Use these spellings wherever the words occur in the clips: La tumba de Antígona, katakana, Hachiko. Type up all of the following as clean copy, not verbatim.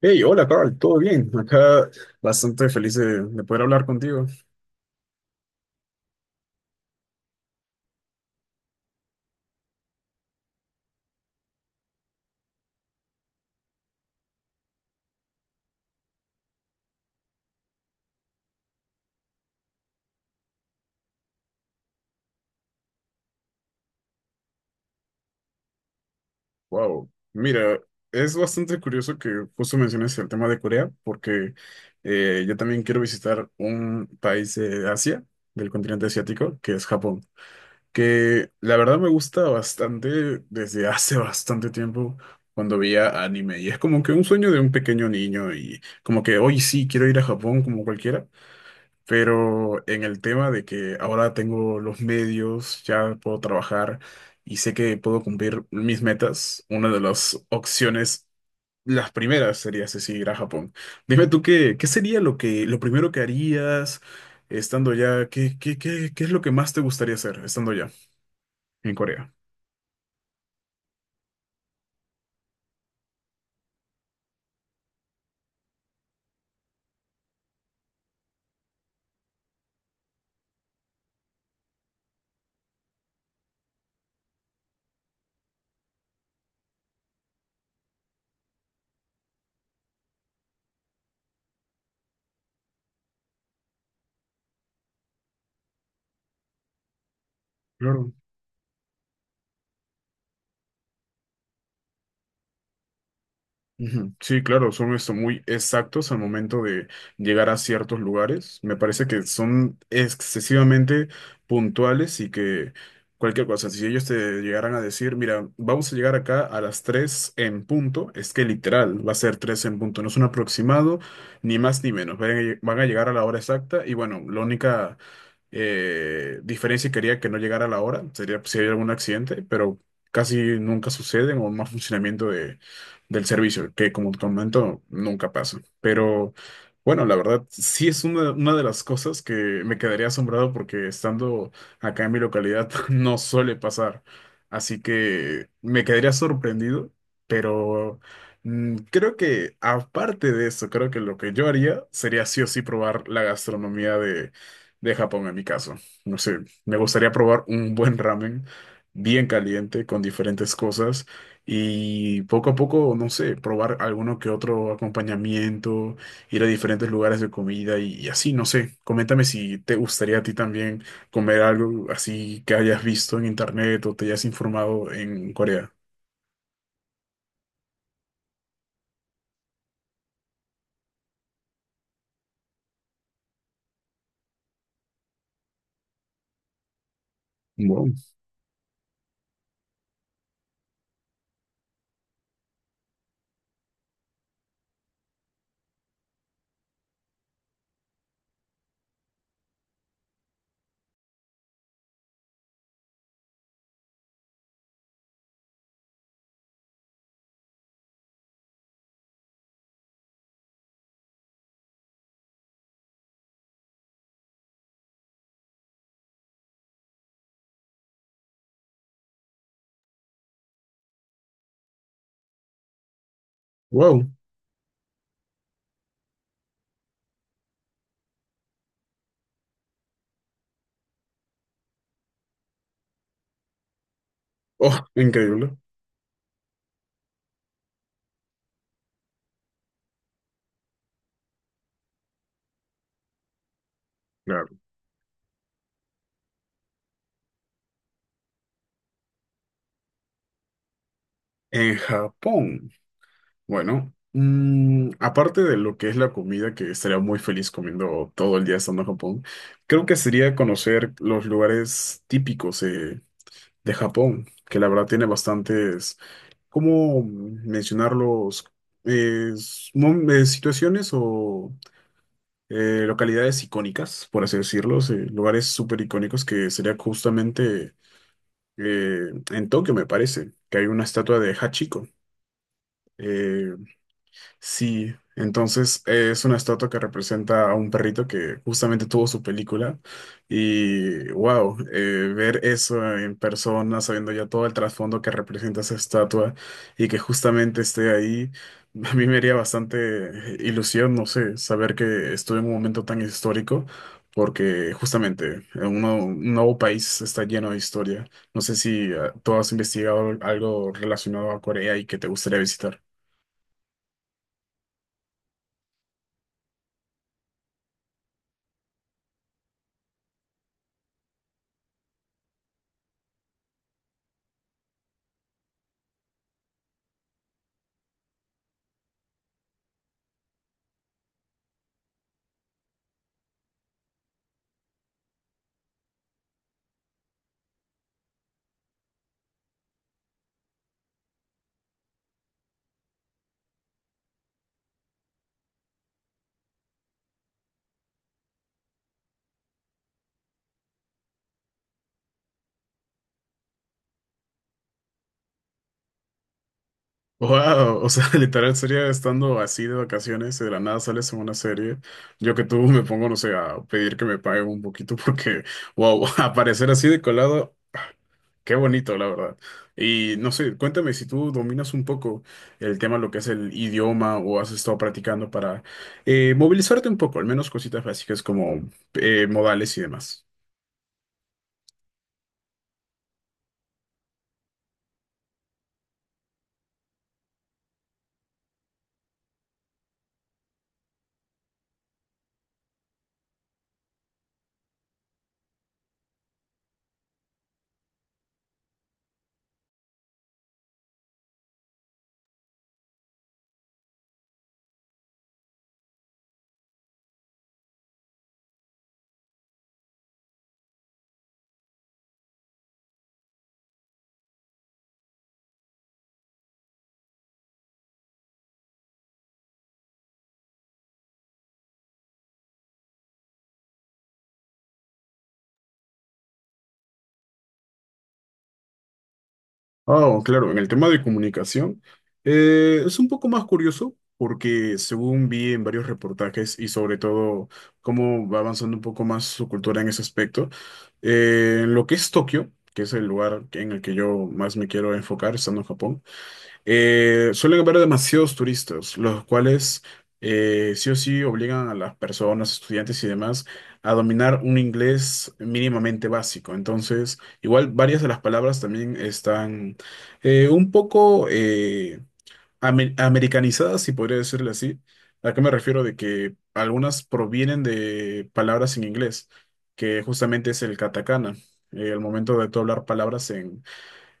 Hey, hola Carl, ¿todo bien? Acá bastante feliz de poder hablar contigo. Wow, mira, es bastante curioso que justo menciones el tema de Corea, porque yo también quiero visitar un país de Asia, del continente asiático, que es Japón, que la verdad me gusta bastante desde hace bastante tiempo cuando veía anime, y es como que un sueño de un pequeño niño, y como que hoy sí quiero ir a Japón como cualquiera. Pero en el tema de que ahora tengo los medios, ya puedo trabajar y sé que puedo cumplir mis metas, una de las opciones, las primeras sería sí, ir a Japón. Dime tú qué sería lo primero que harías estando ya, qué es lo que más te gustaría hacer estando ya en Corea. Claro. Ujú. Sí, claro, son esto muy exactos al momento de llegar a ciertos lugares. Me parece que son excesivamente puntuales y que cualquier cosa, si ellos te llegaran a decir, mira, vamos a llegar acá a las 3 en punto, es que literal va a ser 3 en punto, no es un aproximado, ni más ni menos. Van a llegar a la hora exacta y bueno, la única diferencia y quería que no llegara la hora, sería si hay algún accidente, pero casi nunca suceden o más funcionamiento del servicio, que como te comento, nunca pasa. Pero bueno, la verdad, sí es una de las cosas que me quedaría asombrado porque estando acá en mi localidad no suele pasar. Así que me quedaría sorprendido, pero... Mm, creo que aparte de eso, creo que lo que yo haría sería sí o sí probar la gastronomía de Japón en mi caso. No sé, me gustaría probar un buen ramen bien caliente con diferentes cosas y poco a poco, no sé, probar alguno que otro acompañamiento, ir a diferentes lugares de comida y así, no sé. Coméntame si te gustaría a ti también comer algo así que hayas visto en internet o te hayas informado en Corea. Wow. Wow. Oh, increíble. Claro. En Japón. Bueno, mm, aparte de lo que es la comida, que estaría muy feliz comiendo todo el día estando en Japón, creo que sería conocer los lugares típicos de Japón, que la verdad tiene bastantes, ¿cómo mencionarlos? Situaciones o localidades icónicas, por así decirlo, lugares súper icónicos que sería justamente en Tokio, me parece, que hay una estatua de Hachiko. eh, Sí, entonces es una estatua que representa a un perrito que justamente tuvo su película y wow, ver eso en persona, sabiendo ya todo el trasfondo que representa esa estatua y que justamente esté ahí, a mí me haría bastante ilusión, no sé, saber que estuve en un momento tan histórico porque justamente un nuevo país está lleno de historia. No sé si tú has investigado algo relacionado a Corea y que te gustaría visitar. Wow, o sea, literal sería estando así de vacaciones y de la nada sales en una serie. Yo que tú me pongo, no sé, a pedir que me paguen un poquito porque, wow, aparecer así de colado, qué bonito, la verdad. Y no sé, cuéntame si tú dominas un poco el tema, lo que es el idioma o has estado practicando para movilizarte un poco, al menos cositas básicas como modales y demás. Ah, claro, en el tema de comunicación es un poco más curioso porque según vi en varios reportajes y sobre todo cómo va avanzando un poco más su cultura en ese aspecto, en lo que es Tokio, que es el lugar en el que yo más me quiero enfocar estando en Japón, suelen haber demasiados turistas, los cuales sí o sí obligan a las personas, estudiantes y demás, a dominar un inglés mínimamente básico. Entonces, igual varias de las palabras también están un poco americanizadas, si podría decirle así. ¿A qué me refiero? De que algunas provienen de palabras en inglés, que justamente es el katakana. El momento de tú hablar palabras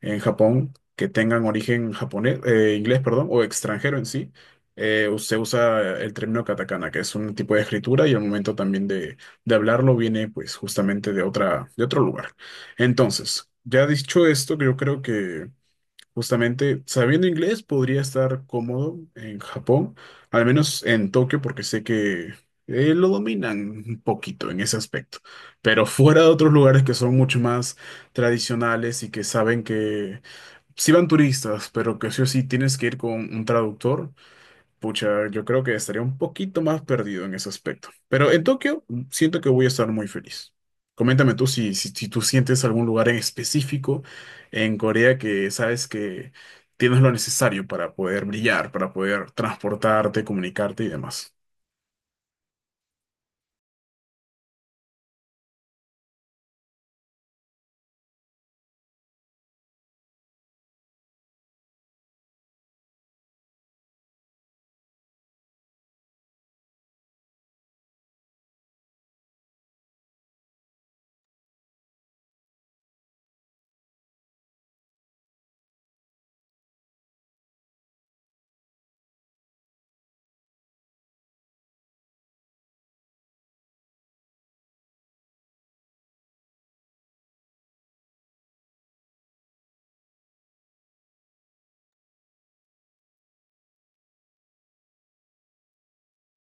en Japón que tengan origen japonés, inglés, perdón, o extranjero en sí, se usa el término katakana, que es un tipo de escritura y al momento también de hablarlo viene pues justamente de otro lugar. Entonces, ya dicho esto, yo creo que justamente sabiendo inglés podría estar cómodo en Japón, al menos en Tokio, porque sé que... lo dominan un poquito en ese aspecto, pero fuera de otros lugares que son mucho más tradicionales y que saben que si van turistas, pero que sí o sí tienes que ir con un traductor, pucha, yo creo que estaría un poquito más perdido en ese aspecto. Pero en Tokio mm, siento que voy a estar muy feliz. Coméntame tú si tú sientes algún lugar en específico en Corea que sabes que tienes lo necesario para poder brillar, para poder transportarte, comunicarte y demás.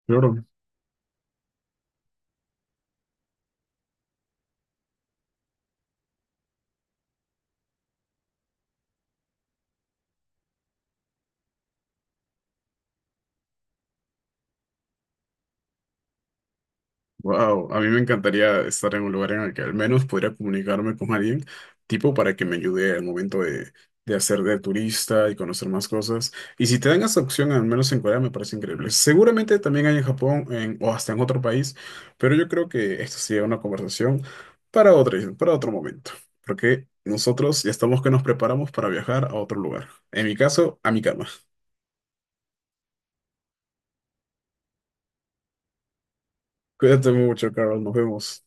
Claro. Wow, a mí me encantaría estar en un lugar en el que al menos pudiera comunicarme con alguien, tipo para que me ayude al momento de hacer de turista y conocer más cosas. Y si te dan esa opción, al menos en Corea, me parece increíble. Seguramente también hay en Japón o hasta en otro país, pero yo creo que esto sería una conversación para para otro momento, porque nosotros ya estamos que nos preparamos para viajar a otro lugar. En mi caso, a mi cama. Cuídate mucho, Carol, nos vemos.